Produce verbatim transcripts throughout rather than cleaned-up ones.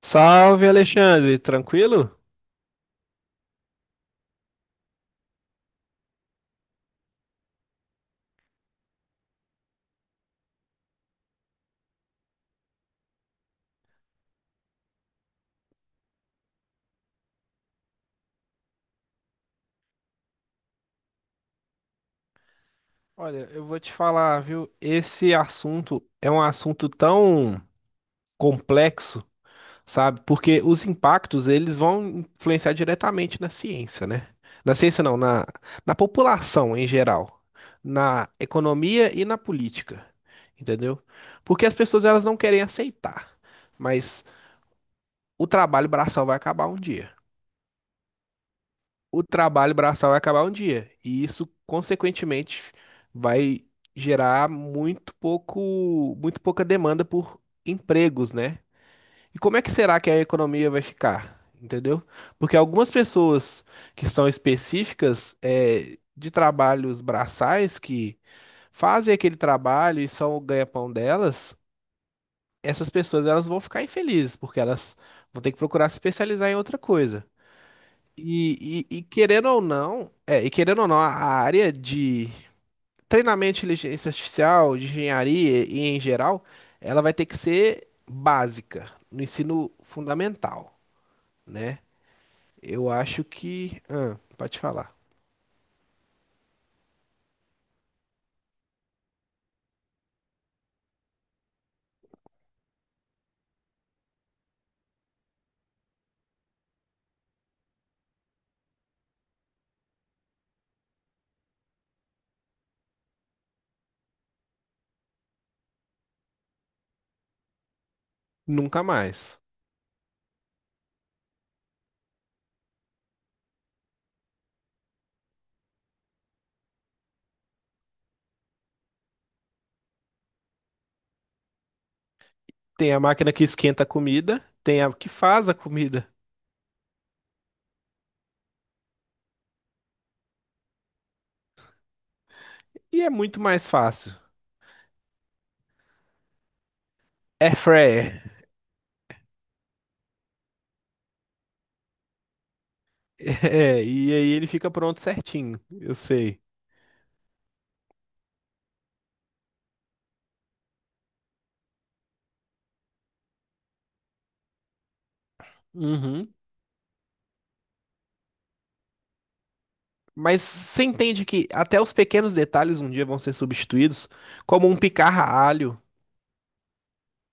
Salve, Alexandre, tranquilo? Olha, eu vou te falar, viu? Esse assunto é um assunto tão complexo, sabe? Porque os impactos, eles vão influenciar diretamente na ciência, né? Na ciência não, na, na população em geral, na economia e na política, entendeu? Porque as pessoas, elas não querem aceitar, mas o trabalho braçal vai acabar um dia. o trabalho braçal vai acabar um dia. E isso, consequentemente, vai gerar muito pouco, muito pouca demanda por empregos, né? E como é que será que a economia vai ficar? Entendeu? Porque algumas pessoas que são específicas é, de trabalhos braçais que fazem aquele trabalho e são o ganha-pão delas, essas pessoas elas vão ficar infelizes, porque elas vão ter que procurar se especializar em outra coisa. E, e- e querendo ou não, é, e querendo ou não, a a área de treinamento de inteligência artificial, de engenharia e em geral, ela vai ter que ser básica no ensino fundamental, né? Eu acho que, ah, pode falar, nunca mais. Tem a máquina que esquenta a comida, tem a que faz a comida, e é muito mais fácil. Air fryer. É, e aí ele fica pronto certinho, eu sei. Uhum. Mas você entende que até os pequenos detalhes um dia vão ser substituídos, como um picar a alho,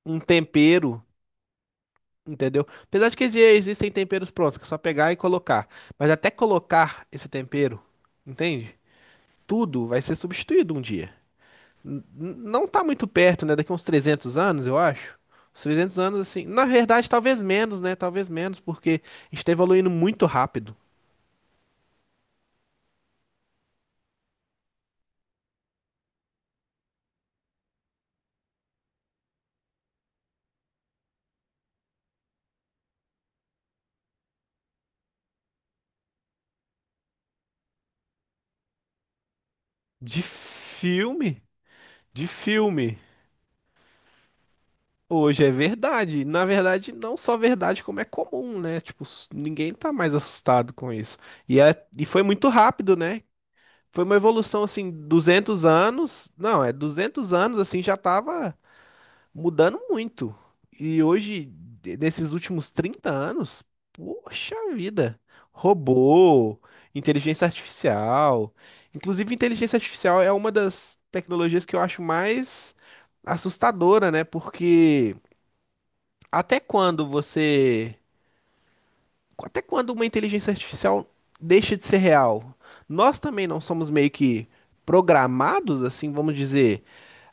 um tempero, entendeu? Apesar de que exi- existem temperos prontos, que é só pegar e colocar. Mas até colocar esse tempero, entende? Tudo vai ser substituído um dia. N- n- Não tá muito perto, né? Daqui uns trezentos anos, eu acho. Uns trezentos anos, assim. Na verdade, talvez menos, né? Talvez menos, porque a gente tá evoluindo muito rápido. De filme? De filme. Hoje é verdade. Na verdade, não só verdade, como é comum, né? Tipo, s- ninguém tá mais assustado com isso. E, é, e foi muito rápido, né? Foi uma evolução, assim, duzentos anos. Não, é duzentos anos, assim, já tava mudando muito. E hoje, de- nesses últimos trinta anos, poxa vida. Robô, inteligência artificial. Inclusive, inteligência artificial é uma das tecnologias que eu acho mais assustadora, né? Porque. Até quando você. Até quando uma inteligência artificial deixa de ser real? Nós também não somos meio que programados, assim, vamos dizer.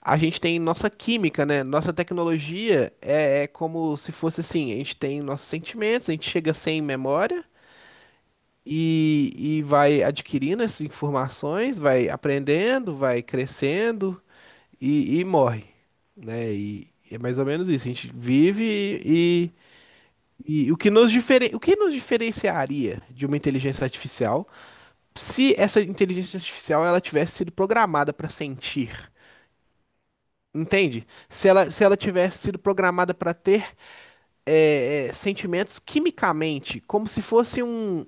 A gente tem nossa química, né? Nossa tecnologia é, é como se fosse assim: a gente tem nossos sentimentos, a gente chega sem memória e, e vai adquirindo essas informações, vai aprendendo, vai crescendo e, e morre, né? E é mais ou menos isso: a gente vive e E o que nos diferen... o que nos diferenciaria de uma inteligência artificial se essa inteligência artificial ela tivesse sido programada para sentir? Entende? Se ela, se ela tivesse sido programada para ter é, é, sentimentos quimicamente, como se fosse um,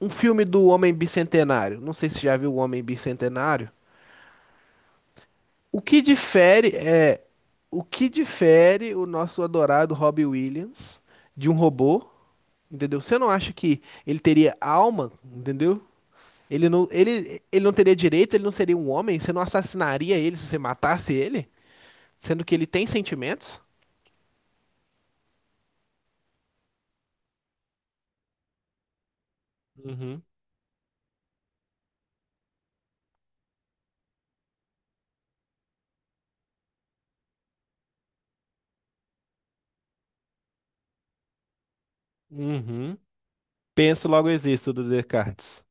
um filme do Homem Bicentenário. Não sei se já viu o Homem Bicentenário. O que difere é o que difere o nosso adorado Robbie Williams de um robô, entendeu? Você não acha que ele teria alma, entendeu? Ele não, ele, ele não teria direitos, ele não seria um homem? Você não assassinaria ele se você matasse ele? Sendo que ele tem sentimentos? Uhum. Uhum. Penso logo existo do Descartes.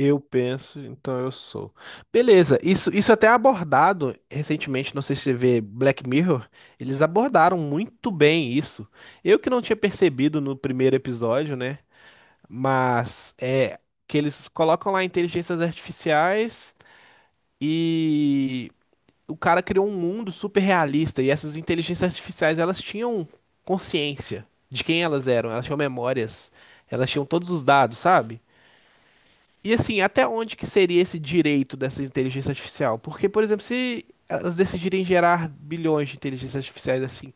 Eu penso, então eu sou. Beleza, isso, isso até é abordado recentemente, não sei se você vê Black Mirror, eles abordaram muito bem isso. Eu que não tinha percebido no primeiro episódio, né? Mas é que eles colocam lá inteligências artificiais e o cara criou um mundo super realista e essas inteligências artificiais, elas tinham consciência de quem elas eram, elas tinham memórias, elas tinham todos os dados, sabe? E assim, até onde que seria esse direito dessa inteligência artificial? Porque, por exemplo, se elas decidirem gerar bilhões de inteligências artificiais assim,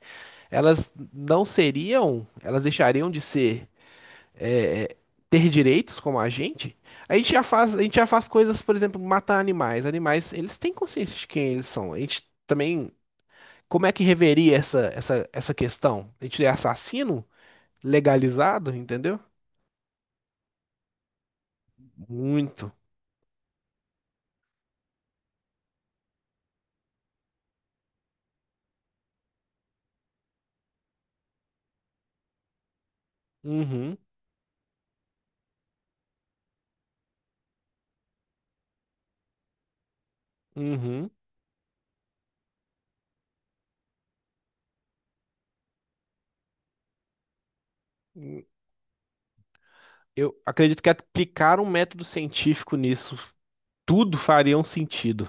elas não seriam, elas deixariam de ser, é, é, ter direitos como a gente? A gente já faz, a gente já faz coisas, por exemplo, matar animais. Animais, eles têm consciência de quem eles são. A gente também, como é que reveria essa, essa, essa questão? A gente é assassino legalizado, entendeu? Muito. Uhum, uhum. Eu acredito que aplicar um método científico nisso, tudo faria um sentido.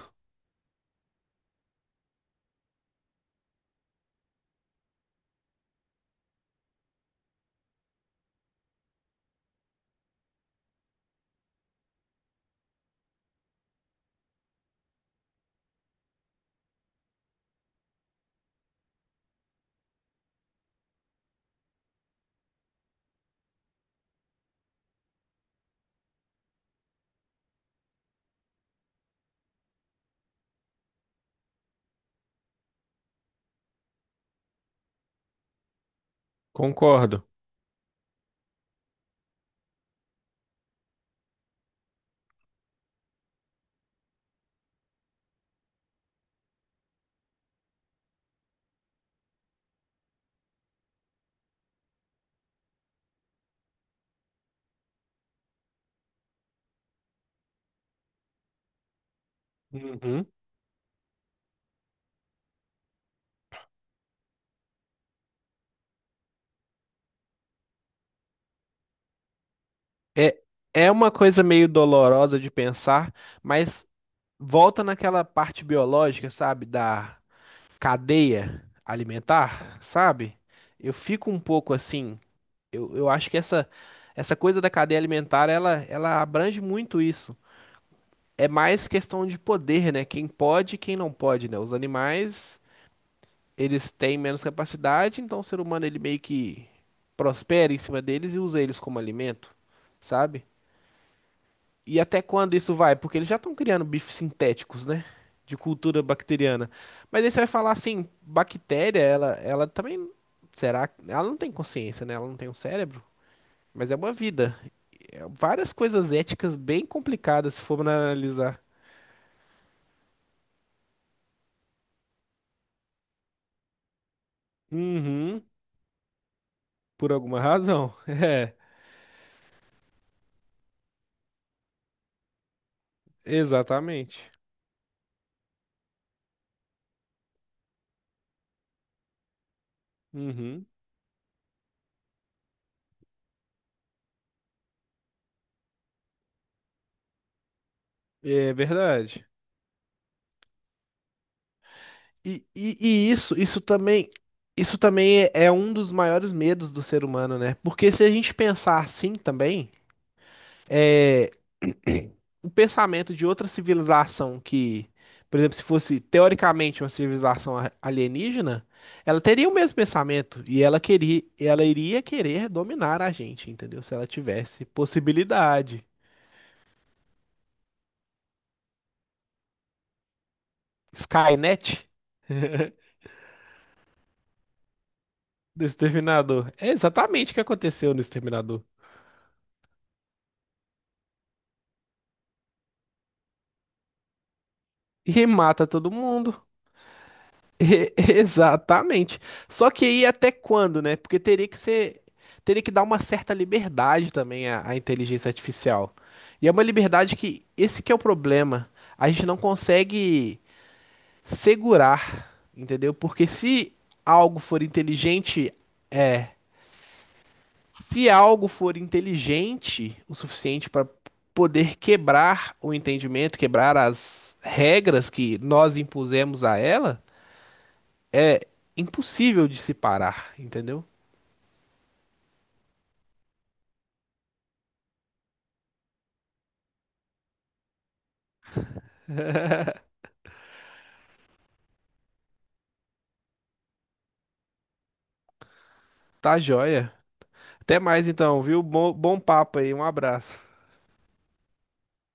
Concordo. Uhum. É, é uma coisa meio dolorosa de pensar, mas volta naquela parte biológica, sabe? Da cadeia alimentar, sabe? Eu fico um pouco assim. Eu, eu acho que essa, essa coisa da cadeia alimentar, ela, ela abrange muito isso. É mais questão de poder, né? Quem pode e quem não pode, né? Os animais. Eles têm menos capacidade, então o ser humano ele meio que prospera em cima deles e usa eles como alimento, sabe? E até quando isso vai? Porque eles já estão criando bifes sintéticos, né? De cultura bacteriana. Mas aí você vai falar assim, bactéria, ela, ela também, será? Ela não tem consciência, né? Ela não tem um cérebro. Mas é uma vida. É várias coisas éticas bem complicadas se for analisar. Uhum, por alguma razão. É, exatamente. Uhum, é verdade. E, e, e isso, isso também, isso também é, é um dos maiores medos do ser humano, né? Porque se a gente pensar assim também, é, o pensamento de outra civilização que, por exemplo, se fosse teoricamente uma civilização a- alienígena, ela teria o mesmo pensamento e ela queria, ela iria querer dominar a gente, entendeu? Se ela tivesse possibilidade. Skynet do Exterminador. É exatamente o que aconteceu no Exterminador. E mata todo mundo. E- Exatamente. Só que aí até quando, né? Porque teria que ser, teria que dar uma certa liberdade também à, à inteligência artificial. E é uma liberdade que esse que é o problema. A gente não consegue segurar, entendeu? Porque se algo for inteligente, é, se algo for inteligente o suficiente para poder quebrar o entendimento, quebrar as regras que nós impusemos a ela é impossível de se parar, entendeu? Tá joia. Até mais então, viu? Bom, bom papo aí, um abraço.